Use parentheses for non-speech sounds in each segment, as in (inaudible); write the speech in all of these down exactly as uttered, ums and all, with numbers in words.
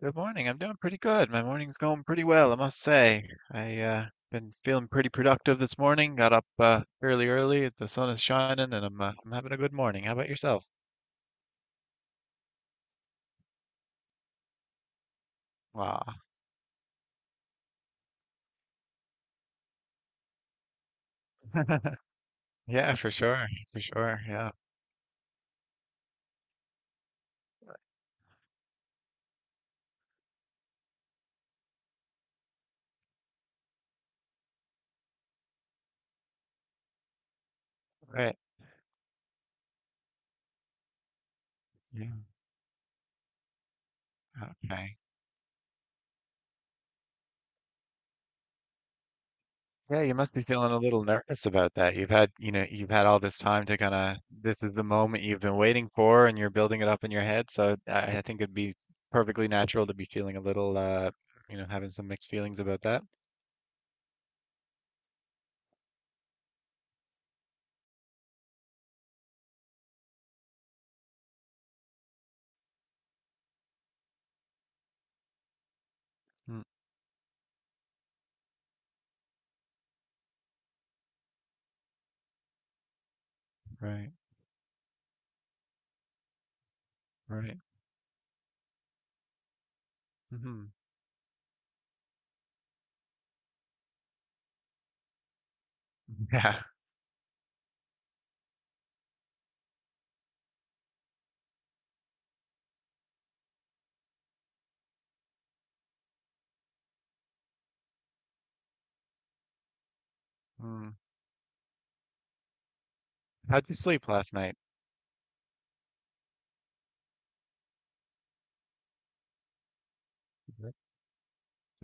Good morning. I'm doing pretty good. My morning's going pretty well, I must say. I uh been feeling pretty productive this morning. Got up uh fairly early. The sun is shining and I'm uh, I'm having a good morning. How about yourself? Wow. (laughs) Yeah, for sure. For sure. Yeah. Right. Yeah. Okay. Yeah, you must be feeling a little nervous about that. You've had, you know, you've had all this time to kind of, this is the moment you've been waiting for and you're building it up in your head. So I I think it'd be perfectly natural to be feeling a little, uh, you know, having some mixed feelings about that. Mm, right, right. Hmm. Yeah. Mm. How'd you sleep last night? Is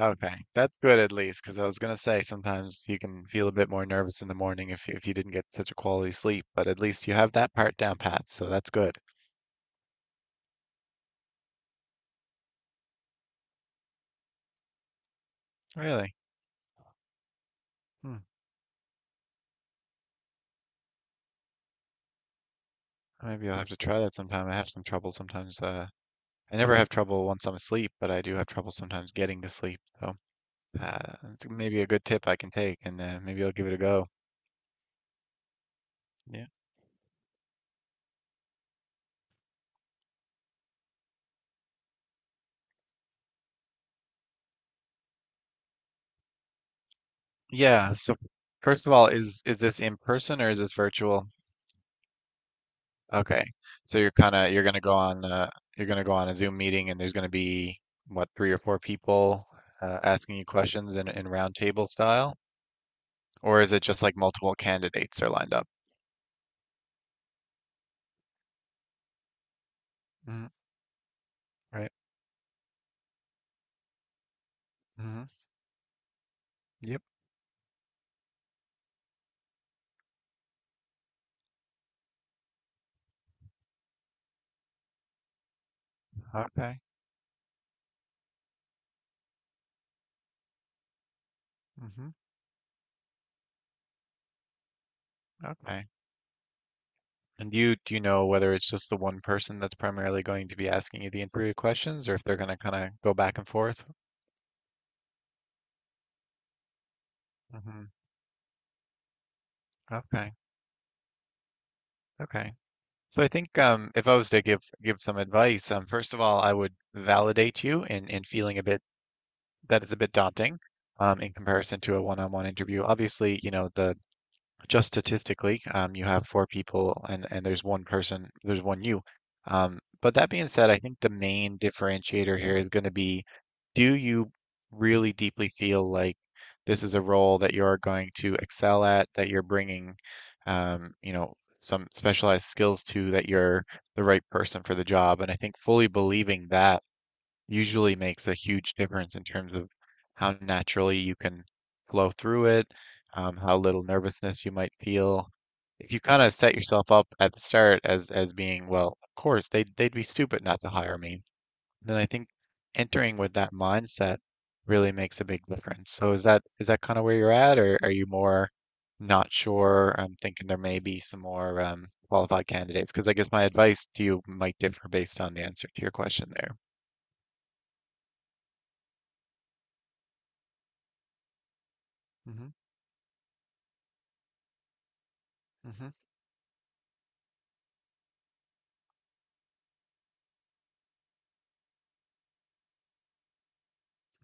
Okay, that's good at least, because I was gonna say sometimes you can feel a bit more nervous in the morning if if you didn't get such a quality sleep, but at least you have that part down pat, so that's good. Really? Hmm. Maybe I'll have to try that sometime. I have some trouble sometimes. Uh, I never have trouble once I'm asleep, but I do have trouble sometimes getting to sleep. So uh, it's maybe a good tip I can take, and uh, maybe I'll give it a go. Yeah. Yeah. So first of all, is is this in person or is this virtual? Okay. So you're kind of you're gonna go on uh, you're gonna go on a Zoom meeting and there's gonna be what, three or four people uh, asking you questions in in round table style, or is it just like multiple candidates are lined up? Mm, right. Hmm. Yep. Okay. Hmm. Okay. And you do you know whether it's just the one person that's primarily going to be asking you the interview questions, or if they're gonna kind of go back and forth? Hmm. Okay. Okay. So I think, um, if I was to give give some advice, um, first of all, I would validate you in in feeling a bit that is a bit daunting, um, in comparison to a one-on-one interview. Obviously, you know the just statistically, um, you have four people, and, and there's one person, there's one you. Um, but that being said, I think the main differentiator here is going to be, do you really deeply feel like this is a role that you're going to excel at, that you're bringing, um, you know, some specialized skills to, that you're the right person for the job? And I think fully believing that usually makes a huge difference in terms of how naturally you can flow through it, um, how little nervousness you might feel. If you kind of set yourself up at the start as as being, well, of course they they'd be stupid not to hire me, then I think entering with that mindset really makes a big difference. So is that, is that kind of where you're at, or are you more not sure? I'm thinking there may be some more, um, qualified candidates, because I guess my advice to you might differ based on the answer to your question there. Hmm. Hmm.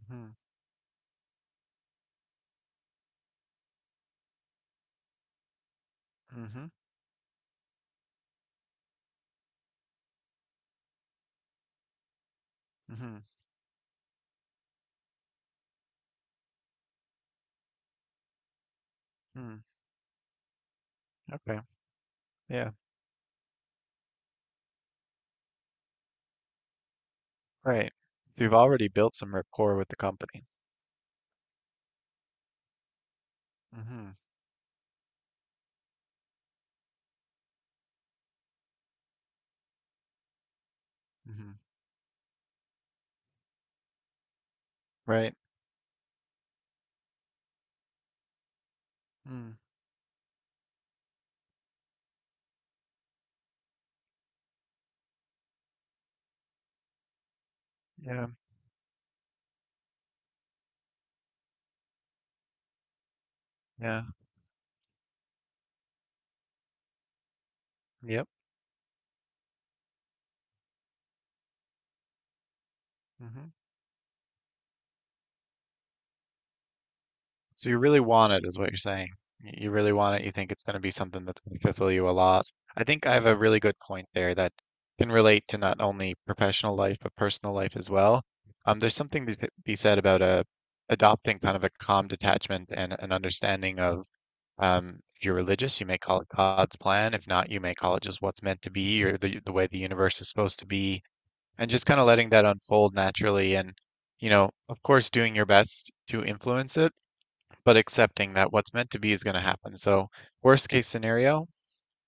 Mhm, mhm, mhm, mhm. Okay. Yeah, right. You've already built some rapport with the company. Mhm, mhm. Right. Mm, yeah, yeah, yep. Mhm. So you really want it, is what you're saying. Y- You really want it. You think it's going to be something that's going to fulfill you a lot. I think I have a really good point there that can relate to not only professional life but personal life as well. Um, there's something to be said about, uh, adopting kind of a calm detachment and an understanding of Um, If you're religious, you may call it God's plan. If not, you may call it just what's meant to be or the the way the universe is supposed to be, and just kind of letting that unfold naturally. And, you know, of course, doing your best to influence it, but accepting that what's meant to be is going to happen. So, worst case scenario,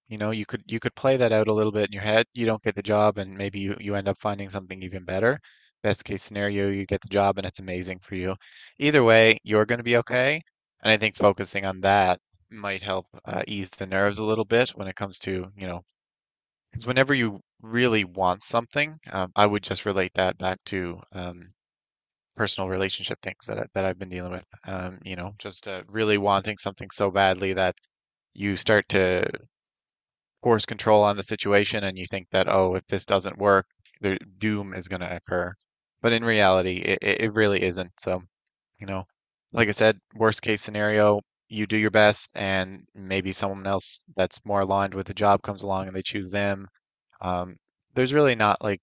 you know, you could you could play that out a little bit in your head. You don't get the job, and maybe you, you end up finding something even better. Best case scenario, you get the job and it's amazing for you. Either way, you're going to be okay. And I think focusing on that might help, uh, ease the nerves a little bit when it comes to, you know, because whenever you really want something, um, I would just relate that back to, um, personal relationship things that I, that I've been dealing with. Um, you know, just uh, really wanting something so badly that you start to course control on the situation, and you think that, oh, if this doesn't work, the doom is going to occur. But in reality, it, it it really isn't. So, you know, like I said, worst case scenario, you do your best and maybe someone else that's more aligned with the job comes along and they choose them. Um, there's really not, like,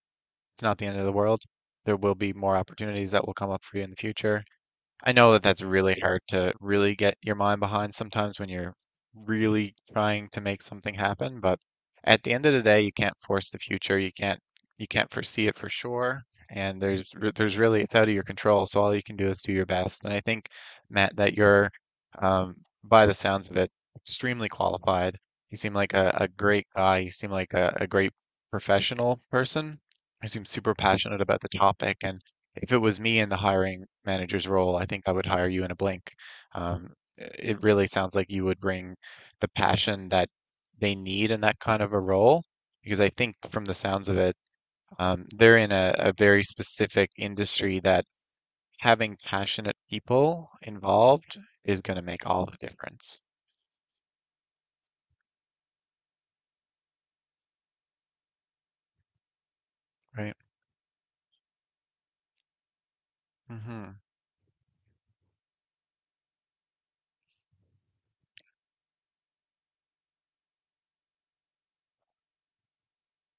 it's not the end of the world. There will be more opportunities that will come up for you in the future. I know that that's really hard to really get your mind behind sometimes when you're really trying to make something happen, but at the end of the day, you can't force the future. You can't you can't foresee it for sure, and there's re- there's really it's out of your control. So all you can do is do your best. And I think, Matt, that you're, um, by the sounds of it, extremely qualified. You seem like a, a great guy. You seem like a, a great professional person. You seem super passionate about the topic, and if it was me in the hiring manager's role, I think I would hire you in a blink. Um, it really sounds like you would bring the passion that they need in that kind of a role, because I think from the sounds of it, um, they're in a, a very specific industry that having passionate people involved is going to make all the difference, right? Hmm.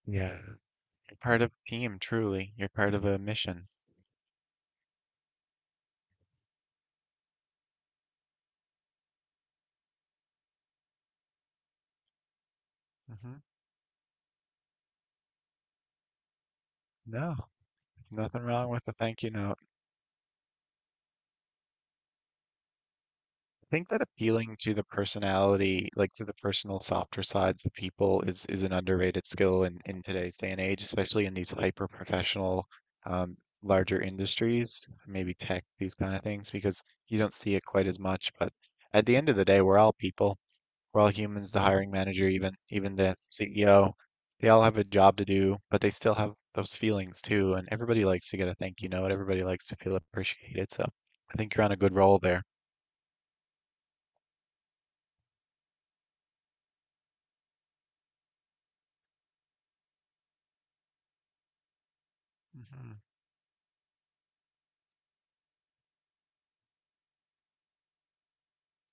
Yeah. You're part of a team, truly. You're part of a mission. Hmm. No, nothing wrong with a thank you note. Think that appealing to the personality, like to the personal softer sides of people is is an underrated skill in in today's day and age, especially in these hyper professional um larger industries, maybe tech, these kind of things, because you don't see it quite as much. But at the end of the day, we're all people. We're all humans, the hiring manager, even even the C E O, they all have a job to do, but they still have those feelings too. And everybody likes to get a thank you note. Everybody likes to feel appreciated. So I think you're on a good roll there. Mhm.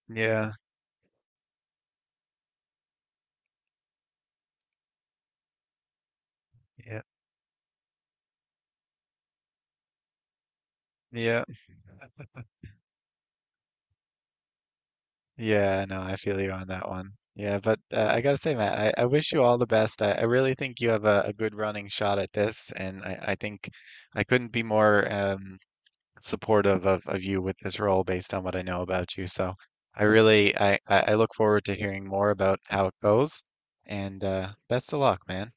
Yeah. Yeah, yeah, yeah. No, I feel you on that one. Yeah, but uh, I gotta say, Matt, I, I wish you all the best. I, I really think you have a, a good running shot at this, and I, I think I couldn't be more, um, supportive of, of you with this role based on what I know about you. So I really, I, I I look forward to hearing more about how it goes, and uh, best of luck, man.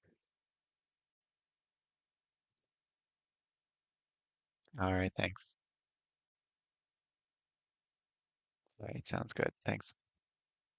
All right, thanks. All right, sounds good. Thanks.